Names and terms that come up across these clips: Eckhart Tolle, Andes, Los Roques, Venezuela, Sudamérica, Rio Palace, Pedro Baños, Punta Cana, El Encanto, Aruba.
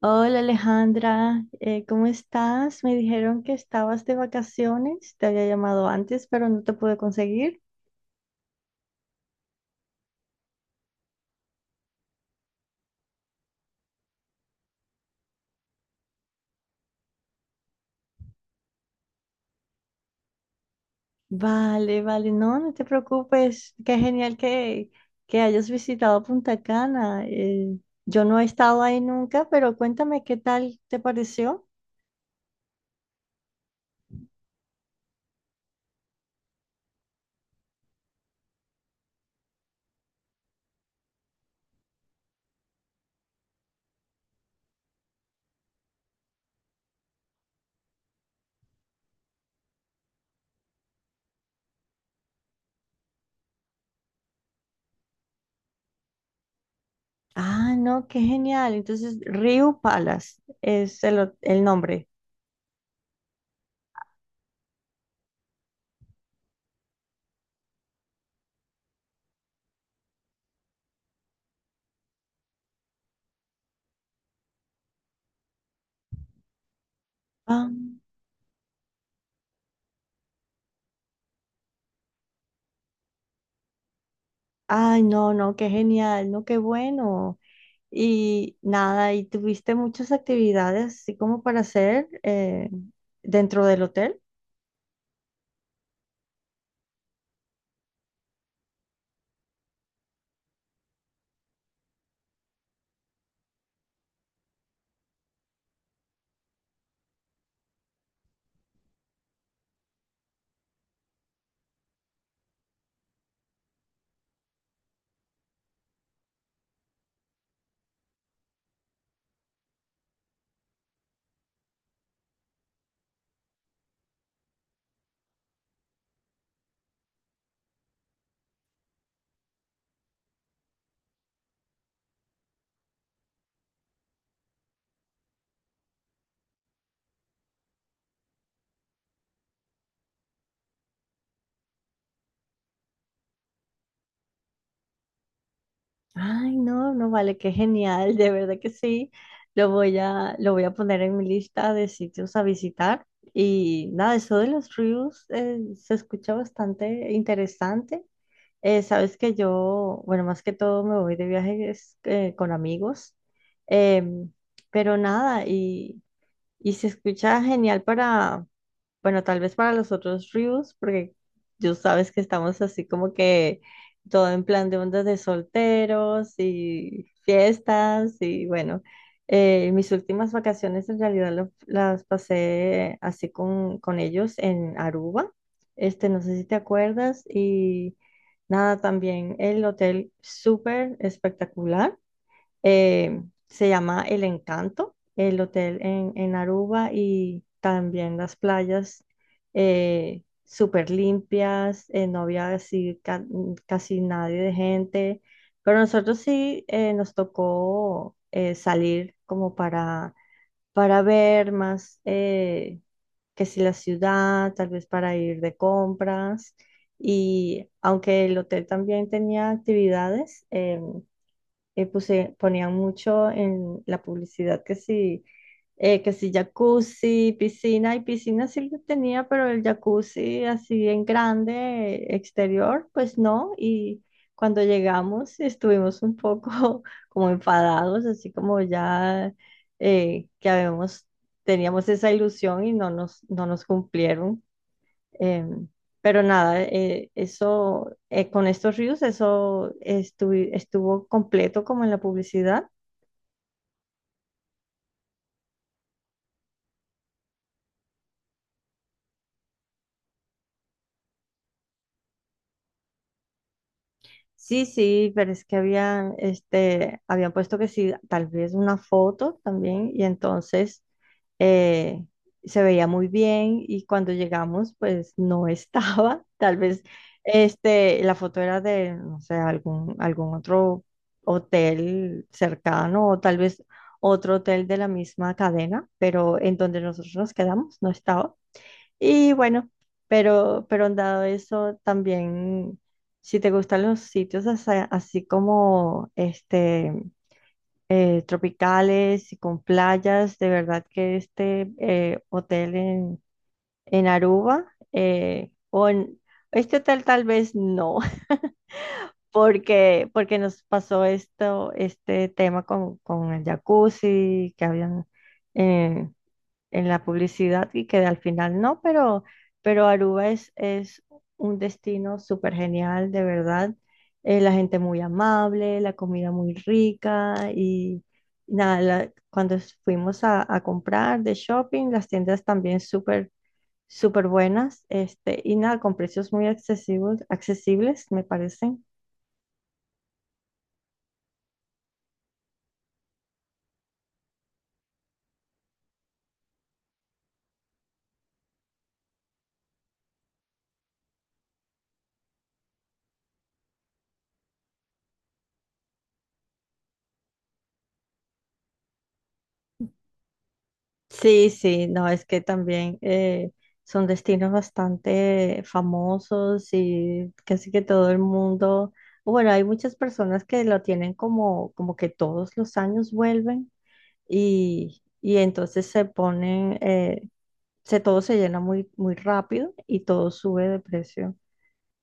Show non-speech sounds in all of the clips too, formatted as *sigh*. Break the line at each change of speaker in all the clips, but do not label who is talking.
Hola Alejandra, ¿cómo estás? Me dijeron que estabas de vacaciones, te había llamado antes, pero no te pude conseguir. Vale, vale, no, no te preocupes, que hayas visitado Punta Cana. Yo no he estado ahí nunca, pero cuéntame qué tal te pareció. Ah, no, qué genial. Entonces, Rio Palace es el nombre. Ah, ay, no, no, qué genial, no, qué bueno. Y nada, ¿y tuviste muchas actividades así como para hacer dentro del hotel? Ay, no, no vale, qué genial, de verdad que sí. Lo voy a poner en mi lista de sitios a visitar. Y nada, eso de los ríos se escucha bastante interesante. Sabes que yo, bueno, más que todo me voy de viajes con amigos. Em, pero nada, y se escucha genial para. Bueno, tal vez para los otros ríos, porque tú sabes que estamos así como que todo en plan de ondas de solteros y fiestas y bueno, mis últimas vacaciones en realidad las pasé así con ellos en Aruba, este, no sé si te acuerdas, y nada, también el hotel súper espectacular. Eh, se llama El Encanto, el hotel en Aruba, y también las playas súper limpias, no había así casi nadie de gente, pero nosotros sí, nos tocó, salir como para ver más que si la ciudad, tal vez para ir de compras. Y aunque el hotel también tenía actividades, ponían mucho en la publicidad que sí jacuzzi, piscina, y piscina sí lo tenía, pero el jacuzzi así en grande, exterior, pues no, y cuando llegamos estuvimos un poco *laughs* como enfadados, así como ya, eh, que habíamos, teníamos esa ilusión y no nos cumplieron. Eh, pero nada, con estos ríos, eso estuvo completo como en la publicidad. Sí, sí, pero es que habían, este, habían puesto que sí, tal vez una foto también, y entonces eh, se veía muy bien, y cuando llegamos, pues no estaba, *laughs* tal vez, este, la foto era de, no sé, algún otro hotel cercano, o tal vez otro hotel de la misma cadena, pero en donde nosotros nos quedamos no estaba. Y bueno, pero dado eso, también, si te gustan los sitios así así, como este, tropicales y con playas, de verdad que este hotel en Aruba, o en este hotel tal vez no, *laughs* porque nos pasó esto, este tema con el jacuzzi, que habían eh, en la publicidad y que al final no, pero Aruba es un destino súper genial, de verdad. La gente muy amable, la comida muy rica, y nada, fuimos a comprar de shopping, las tiendas también súper, súper buenas, este, y nada, con precios muy accesibles, accesibles, me parece. Sí, sí, no, es que también son destinos bastante famosos y casi que todo el mundo, bueno, hay muchas personas que lo tienen como, como que todos los años vuelven, y entonces se ponen, todo se llena muy, muy rápido y todo sube de precio,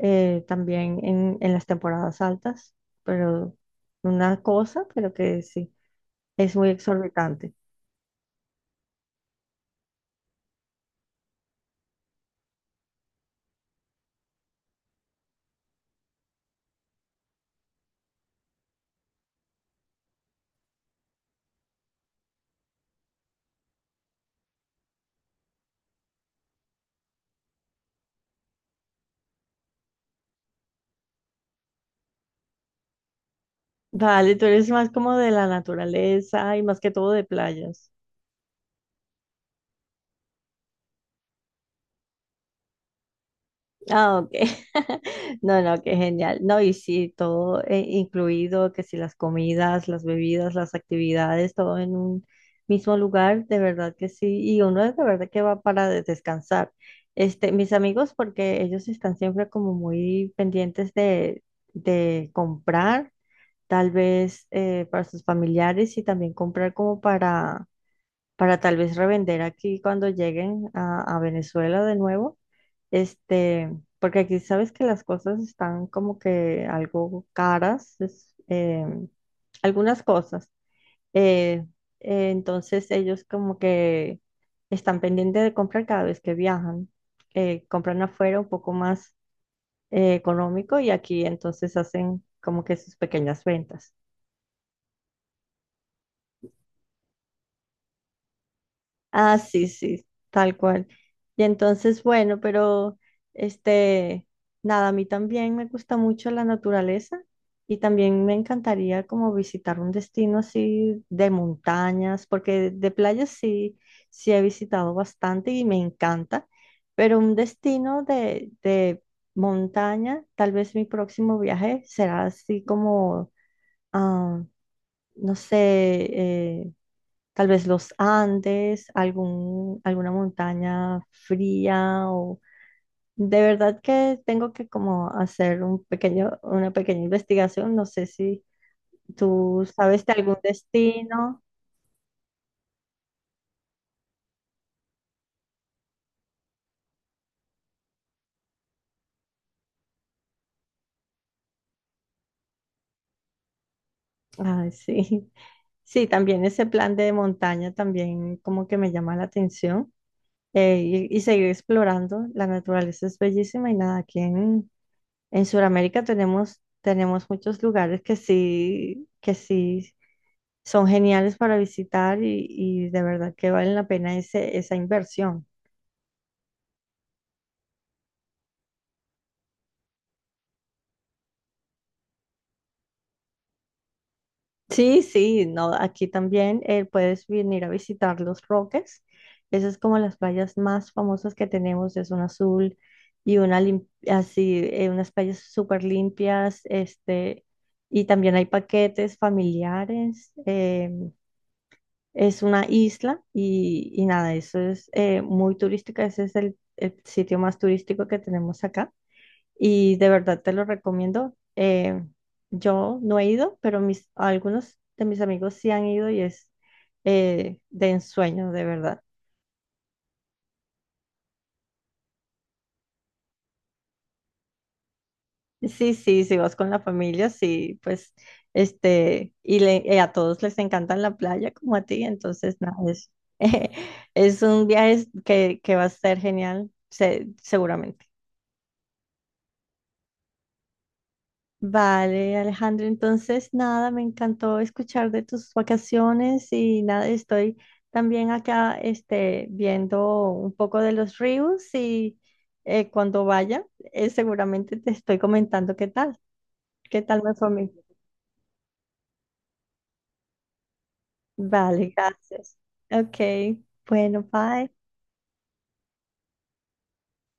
también en las temporadas altas, pero una cosa, pero que sí, es muy exorbitante. Vale, tú eres más como de la naturaleza y más que todo de playas. Ah, ok. *laughs* No, no, qué genial. No, y sí, todo incluido, que si las comidas, las bebidas, las actividades, todo en un mismo lugar, de verdad que sí. Y uno es de verdad que va para descansar. Este, mis amigos, porque ellos están siempre como muy pendientes de comprar, tal vez para sus familiares, y también comprar como para tal vez revender aquí cuando lleguen a Venezuela de nuevo, este, porque aquí sabes que las cosas están como que algo caras, es, algunas cosas. eh, entonces ellos como que están pendientes de comprar cada vez que viajan, compran afuera un poco más económico, y aquí entonces hacen como que sus pequeñas ventas. Ah, sí, sí, tal cual. Y entonces, bueno, pero este, nada, a mí también me gusta mucho la naturaleza, y también me encantaría como visitar un destino así de montañas, porque de playas sí, sí he visitado bastante y me encanta, pero un destino de montaña, tal vez mi próximo viaje será así como, ah, no sé, eh, tal vez los Andes, alguna montaña fría, o de verdad que tengo que como hacer un pequeño, una pequeña investigación. No sé si tú sabes de algún destino. Ay, sí. *laughs* Sí, también ese plan de montaña también como que me llama la atención, y seguir explorando. La naturaleza es bellísima, y nada, aquí en Sudamérica tenemos, tenemos muchos lugares que sí son geniales para visitar, y de verdad que valen la pena esa inversión. Sí, sí, no, aquí también puedes venir a visitar Los Roques. Esas es como las playas más famosas que tenemos, es una azul y una así, unas playas súper limpias, este, y también hay paquetes familiares. Es una isla, y nada, eso es muy turística, ese es el sitio más turístico que tenemos acá. Y de verdad te lo recomiendo. Yo no he ido, pero mis, algunos de mis amigos sí han ido, y es de ensueño, de verdad. Sí, sí, si vas con la familia, sí, pues, este, a todos les encanta la playa como a ti, entonces, nada, es, *laughs* es un viaje que va a ser genial, seguramente. Vale, Alejandro, entonces nada, me encantó escuchar de tus vacaciones, y nada, estoy también acá este, viendo un poco de los ríos, y cuando vaya, seguramente te estoy comentando qué tal me fue a mí. Vale, gracias. Ok, bueno, bye.